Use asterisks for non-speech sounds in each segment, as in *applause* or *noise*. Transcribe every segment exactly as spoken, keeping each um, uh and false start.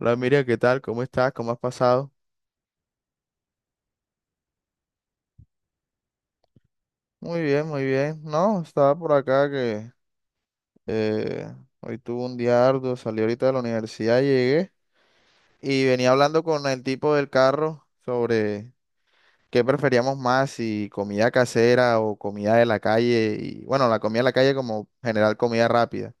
Hola Miriam, ¿qué tal? ¿Cómo estás? ¿Cómo has pasado? Muy bien, muy bien. No, estaba por acá que eh, hoy tuve un día arduo, salí ahorita de la universidad, llegué y venía hablando con el tipo del carro sobre qué preferíamos más, si comida casera o comida de la calle. Y bueno, la comida de la calle como general comida rápida.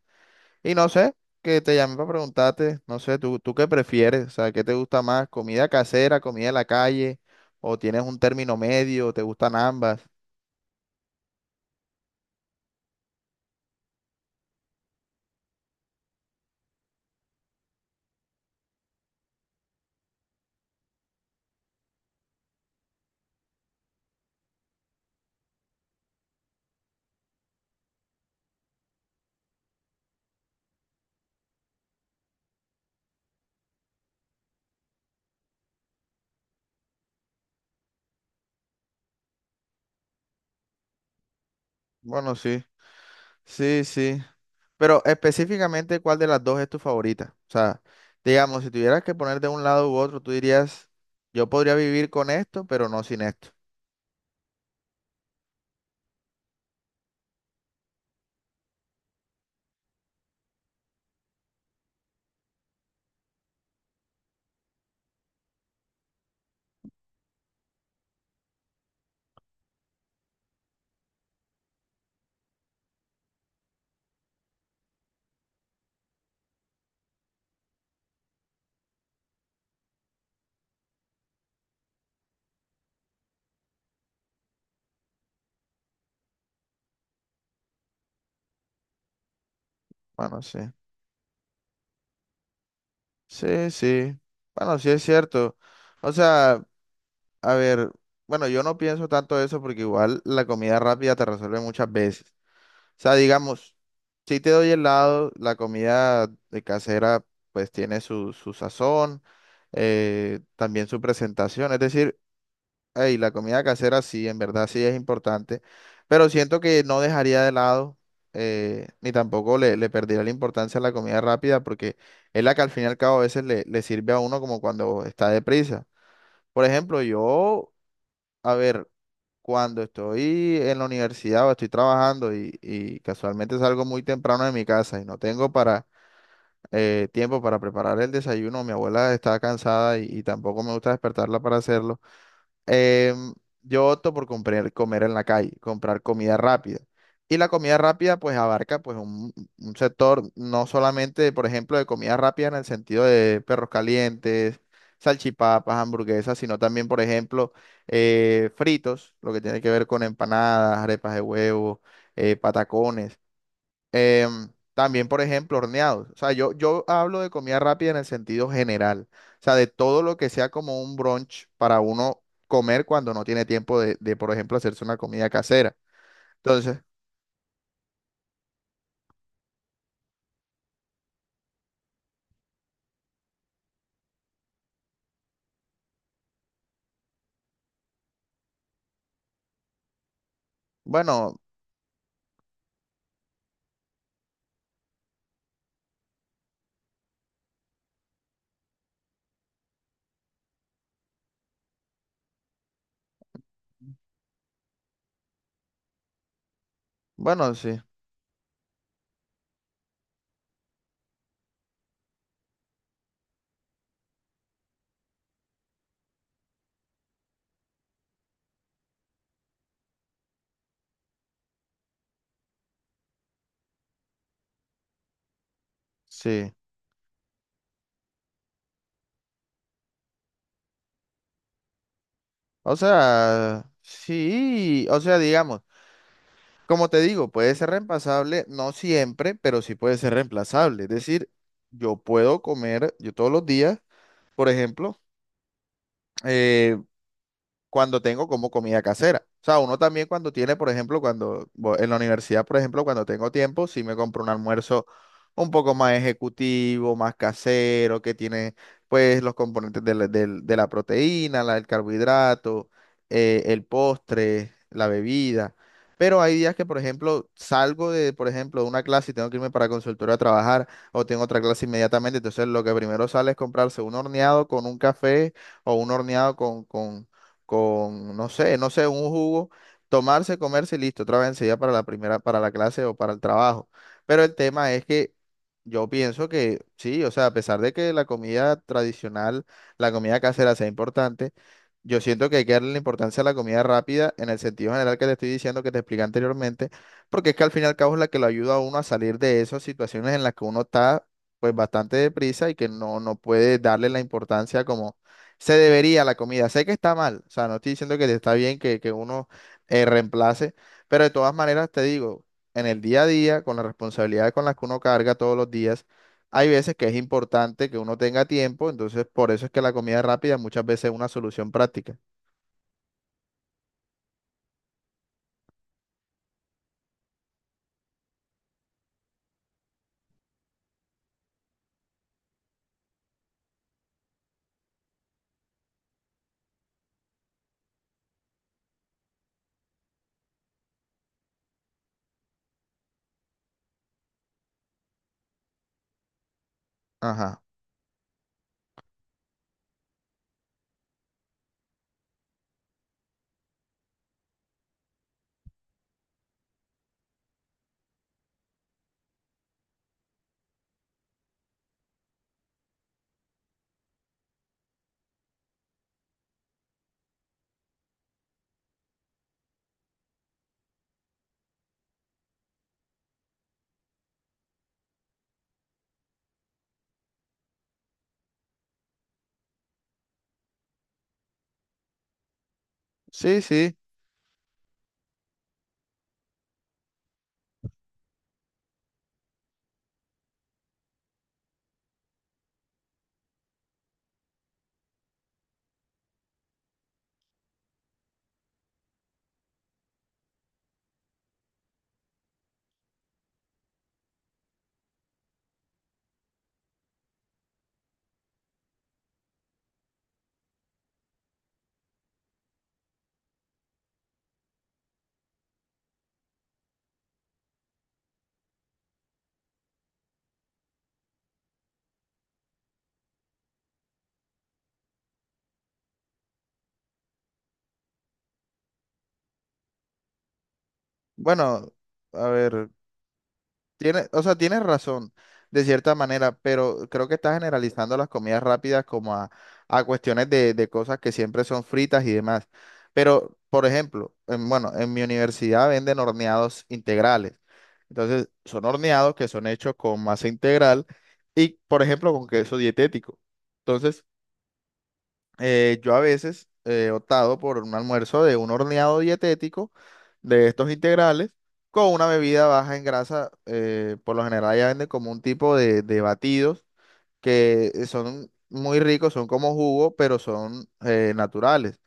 Y no sé, que te llamé para preguntarte, no sé, ¿tú, tú qué prefieres? O sea, ¿qué te gusta más? ¿Comida casera, comida de la calle? ¿O tienes un término medio? ¿Te gustan ambas? Bueno, sí, sí, sí. Pero específicamente, ¿cuál de las dos es tu favorita? O sea, digamos, si tuvieras que poner de un lado u otro, tú dirías, yo podría vivir con esto, pero no sin esto. Bueno, sí. Sí, sí. Bueno, sí es cierto. O sea, a ver, bueno, yo no pienso tanto eso porque igual la comida rápida te resuelve muchas veces. O sea, digamos, si te doy helado, la comida de casera pues tiene su, su sazón, eh, también su presentación. Es decir, ey, la comida casera sí, en verdad sí es importante, pero siento que no dejaría de lado, eh, ni tampoco le, le perdería la importancia a la comida rápida, porque es la que al fin y al cabo a veces le, le sirve a uno como cuando está deprisa. Por ejemplo, yo, a ver, cuando estoy en la universidad o estoy trabajando y, y casualmente salgo muy temprano de mi casa y no tengo para eh, tiempo para preparar el desayuno, mi abuela está cansada y y tampoco me gusta despertarla para hacerlo. Em, yo opto por comprar, comer en la calle, comprar comida rápida. Y la comida rápida pues abarca pues un, un sector no solamente, por ejemplo, de comida rápida en el sentido de perros calientes, salchipapas, hamburguesas, sino también, por ejemplo, eh, fritos, lo que tiene que ver con empanadas, arepas de huevo, eh, patacones. Em, también, por ejemplo, horneados. O sea, yo, yo hablo de comida rápida en el sentido general. O sea, de todo lo que sea como un brunch para uno comer cuando no tiene tiempo de, de, por ejemplo, hacerse una comida casera. Entonces, bueno, bueno, sí, sí. O sea, sí, o sea, digamos, como te digo, puede ser reemplazable, no siempre, pero sí puede ser reemplazable. Es decir, yo puedo comer, yo todos los días, por ejemplo, eh, cuando tengo como comida casera. O sea, uno también cuando tiene, por ejemplo, cuando bo- en la universidad, por ejemplo, cuando tengo tiempo, sí me compro un almuerzo un poco más ejecutivo, más casero, que tiene pues los componentes de la, del- de la proteína, la, el carbohidrato, eh, el postre, la bebida. Pero hay días que, por ejemplo, salgo de, por ejemplo, de una clase y tengo que irme para consultorio a trabajar o tengo otra clase inmediatamente. Entonces, lo que primero sale es comprarse un horneado con un café o un horneado con, con, con, no sé, no sé, un jugo, tomarse, comerse y listo, otra vez enseguida para la primera, para la clase o para el trabajo. Pero el tema es que yo pienso que sí, o sea, a pesar de que la comida tradicional, la comida casera sea importante, yo siento que hay que darle la importancia a la comida rápida en el sentido general que te estoy diciendo, que te expliqué anteriormente, porque es que al fin y al cabo es la que lo ayuda a uno a salir de esas situaciones en las que uno está pues bastante deprisa y que no, no puede darle la importancia como se debería la comida. Sé que está mal, o sea, no estoy diciendo que está bien que, que uno eh, reemplace, pero de todas maneras te digo, en el día a día, con las responsabilidades con las que uno carga todos los días, hay veces que es importante que uno tenga tiempo, entonces por eso es que la comida rápida muchas veces es una solución práctica. Ajá. Sí, sí. Bueno, a ver. Tiene, o sea, tienes razón, de cierta manera, pero creo que estás generalizando las comidas rápidas como a, a cuestiones de, de cosas que siempre son fritas y demás. Pero, por ejemplo, en- bueno, en mi universidad venden horneados integrales. Entonces, son horneados que son hechos con masa integral y, por ejemplo, con queso dietético. Entonces, eh, yo a veces eh, he optado por un almuerzo de un horneado dietético de estos integrales con una bebida baja en grasa. Eh, por lo general ya venden como un tipo de, de batidos que eh, son muy ricos, son como jugo, pero son eh, naturales.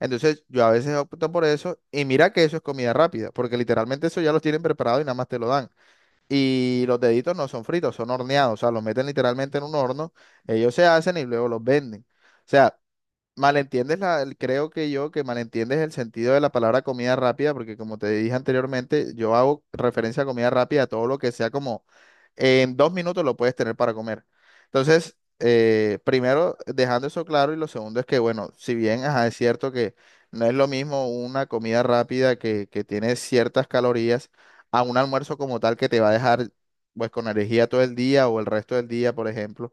Entonces yo a veces opto por eso y mira que eso es comida rápida, porque literalmente eso ya los tienen preparado y nada más te lo dan. Y los deditos no son fritos, son horneados, o sea, los meten literalmente en un horno, ellos se hacen y luego los venden. O sea, malentiendes la, el- creo que yo que malentiendes el sentido de la palabra comida rápida, porque como te dije anteriormente, yo hago referencia a comida rápida, a todo lo que sea como en dos minutos lo puedes tener para comer. Entonces, eh, primero, dejando eso claro, y lo segundo es que, bueno, si bien ajá, es cierto que no es lo mismo una comida rápida que, que tiene ciertas calorías a un almuerzo como tal que te va a dejar pues con energía todo el día o el resto del día, por ejemplo.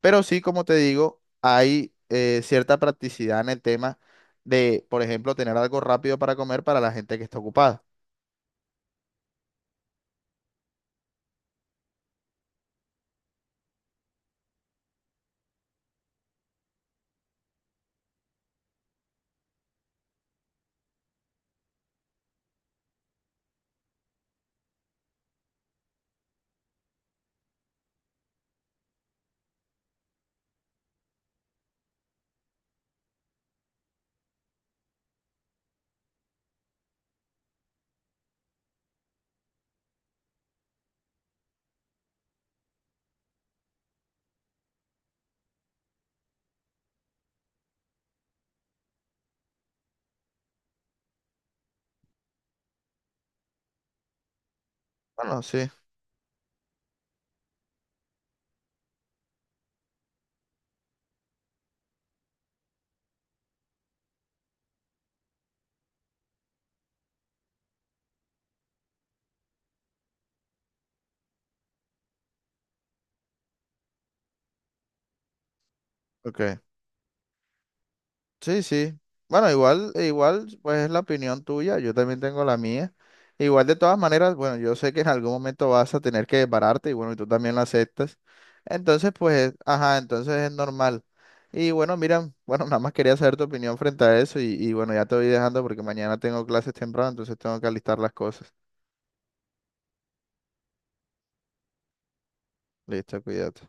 Pero sí, como te digo, hay eh, cierta practicidad en el tema de, por ejemplo, tener algo rápido para comer para la gente que está ocupada. Bueno, sí, ok. Sí, sí. Bueno, igual, e igual, pues es la opinión tuya, yo también tengo la mía. Igual de todas maneras, bueno, yo sé que en algún momento vas a tener que desbararte y bueno, y tú también lo aceptas. Entonces, pues, ajá, entonces es normal. Y bueno, mira, *laughs* bueno, nada más quería saber tu opinión frente a eso y, y bueno, ya te voy dejando porque mañana tengo clases temprano, entonces tengo que alistar las cosas. Listo, cuídate.